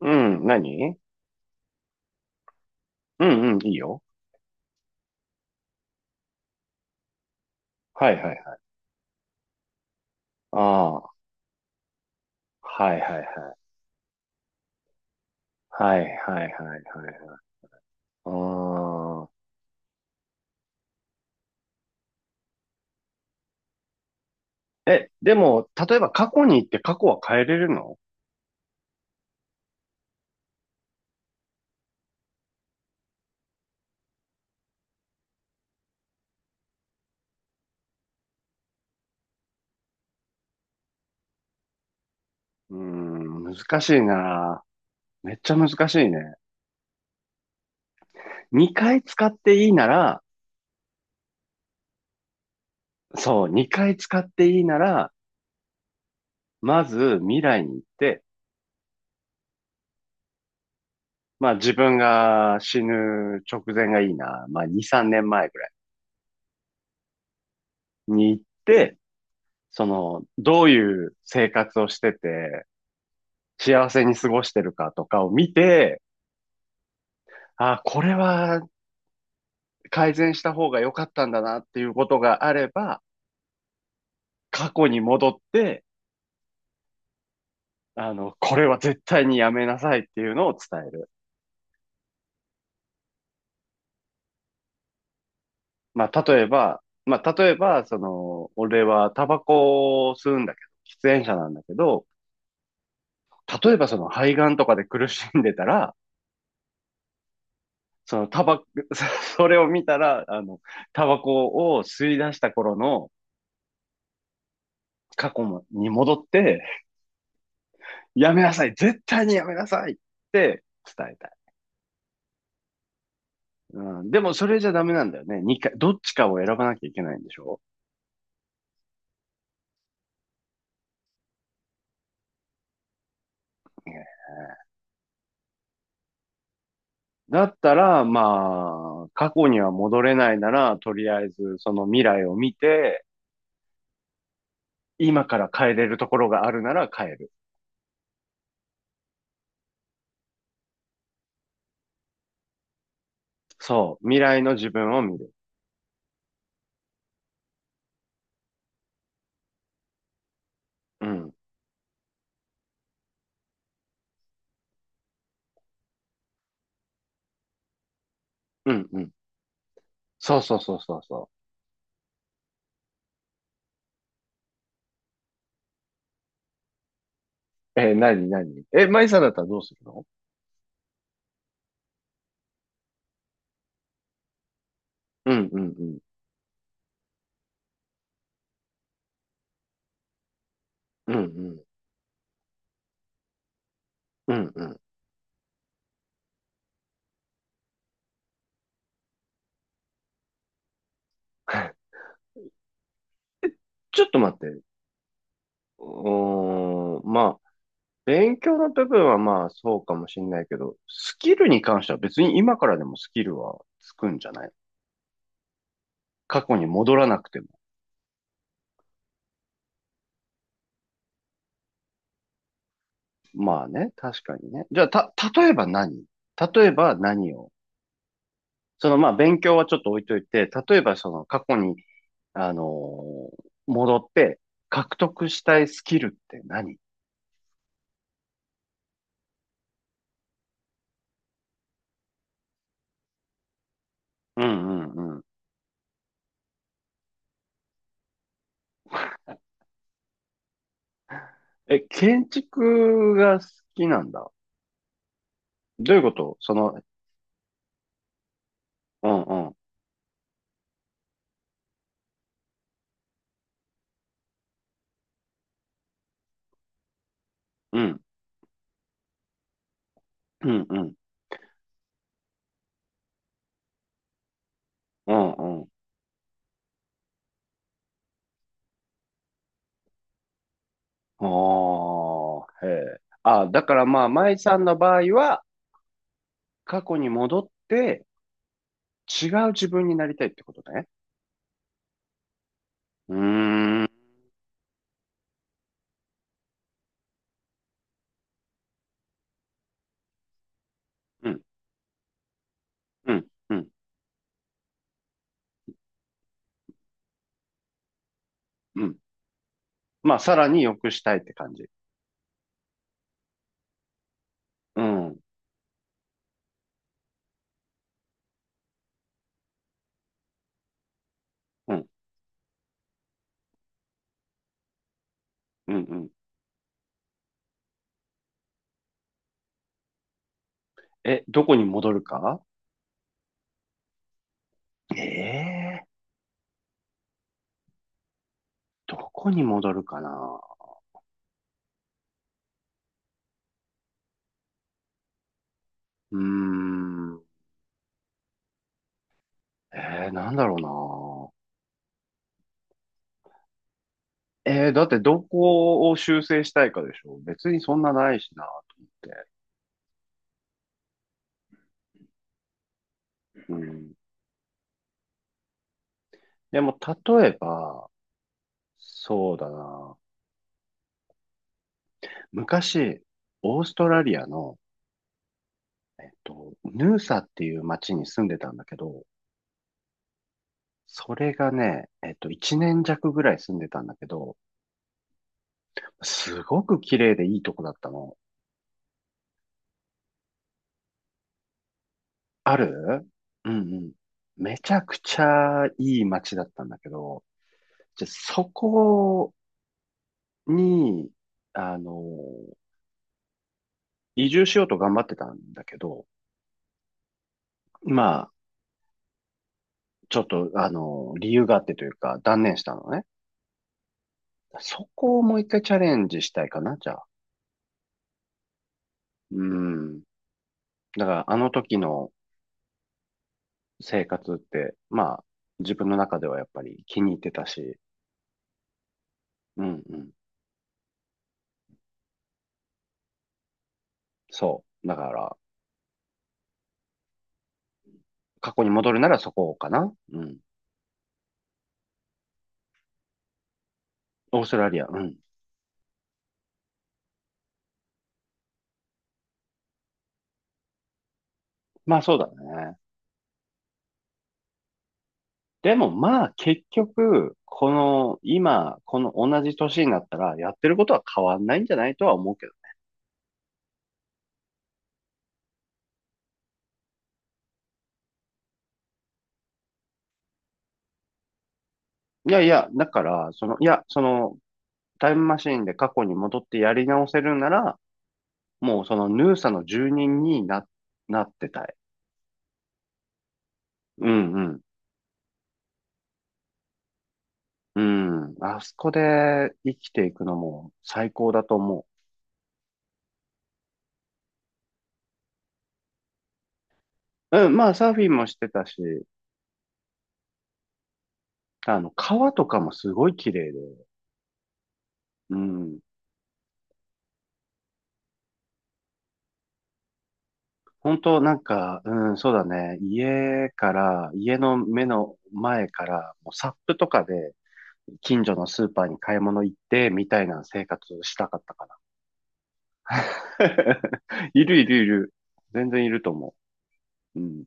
うん、何？うんうん、いいよ。はいはいはい。ああ、はいはいはい。はいはいはいはいはい。ああ。え、でも、例えば過去に行って過去は変えれるの？うーん、難しいな。めっちゃ難しいね。2回使っていいなら、そう、2回使っていいなら、まず未来に行って、まあ自分が死ぬ直前がいいな。まあ2、3年前ぐらいに行って、その、どういう生活をしてて、幸せに過ごしてるかとかを見て、あ、これは改善した方が良かったんだなっていうことがあれば、過去に戻って、あの、これは絶対にやめなさいっていうのを伝える。まあ、例えば、その、俺はタバコを吸うんだけど、喫煙者なんだけど、例えばその肺がんとかで苦しんでたら、そのタバコ、それを見たら、あの、タバコを吸い出した頃の過去に戻って、やめなさい。絶対にやめなさいって伝えたい。うん、でもそれじゃダメなんだよね。二回、どっちかを選ばなきゃいけないんでしょ、ね、だったら、まあ、過去には戻れないなら、とりあえずその未来を見て、今から変えれるところがあるなら変える。そう。未来の自分を見る。うん。うん、うん。そうそうそうそうそう。なになに、マイさんだったらどうするの？うん、うん、うん。うん、うん。うん、うん。ちょっと待って。うーん、まあ、勉強の部分はまあそうかもしれないけど、スキルに関しては別に今からでもスキルはつくんじゃない？過去に戻らなくても。まあね、確かにね。じゃあ、例えば何をそのまあ勉強はちょっと置いといて、例えばその過去に、戻って獲得したいスキルって何？うんうんうん。え、建築が好きなんだ。どういうことその、うんうん、うん、うんうん、うんうん。ああ、へえ。あ、だからまあ、舞さんの場合は、過去に戻って、違う自分になりたいってことね。うーん、うん、うん、うん、うん。まあ、さらに良くしたいって感じ。うん、うん、うん、うん。え、どこに戻るか？ええー、どこに戻るかな。うーん。なんだろうな。だってどこを修正したいかでしょ？別にそんなないしな、と思って。うん。でも、例えば、そうだな。昔、オーストラリアの、ヌーサっていう町に住んでたんだけど、それがね、1年弱ぐらい住んでたんだけど、すごく綺麗でいいとこだったの。ある。うんうん。めちゃくちゃいい町だったんだけど、じゃ、そこに、あの、移住しようと頑張ってたんだけど、まあ、ちょっと、あの、理由があってというか、断念したのね。そこをもう一回チャレンジしたいかな、じゃあ。うん。だから、あの時の生活って、まあ、自分の中ではやっぱり気に入ってたし、うんうん。そう。だから、過去に戻るならそこかな。うん。オーストラリア、うん。まあそうだね。でもまあ結局、この今、この同じ年になったらやってることは変わんないんじゃないとは思うけど。いやいや、だから、その、いや、その、タイムマシーンで過去に戻ってやり直せるなら、もうそのヌーサの住人になってたい。うんうん。うん。あそこで生きていくのも最高だと思う。うん。まあサーフィンもしてたし、あの、川とかもすごい綺麗で。うん。本当なんか、うん、そうだね。家から、家の目の前から、もうサップとかで近所のスーパーに買い物行ってみたいな生活したかったかな。いるいるいる。全然いると思う。うん。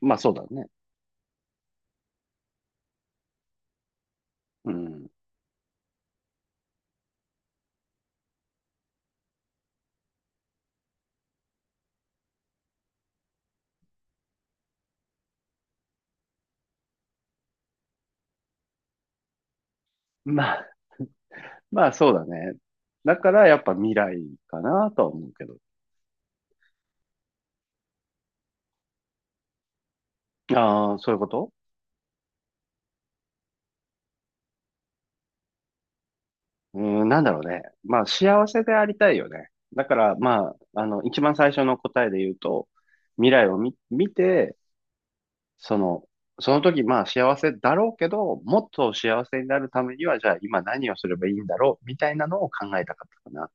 まあそうだね。うん。まあ、まあそうだね。だからやっぱ未来かなとは思うけど。ああ、そういうこと？うーん、なんだろうね。まあ幸せでありたいよね。だからまあ、あの、一番最初の答えで言うと、未来を見、見て、その、その、時まあ幸せだろうけど、もっと幸せになるためには、じゃあ今何をすればいいんだろうみたいなのを考えたかったかな。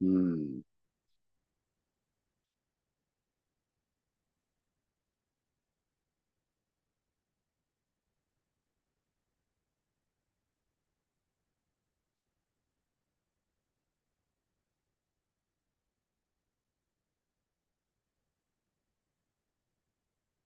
うん。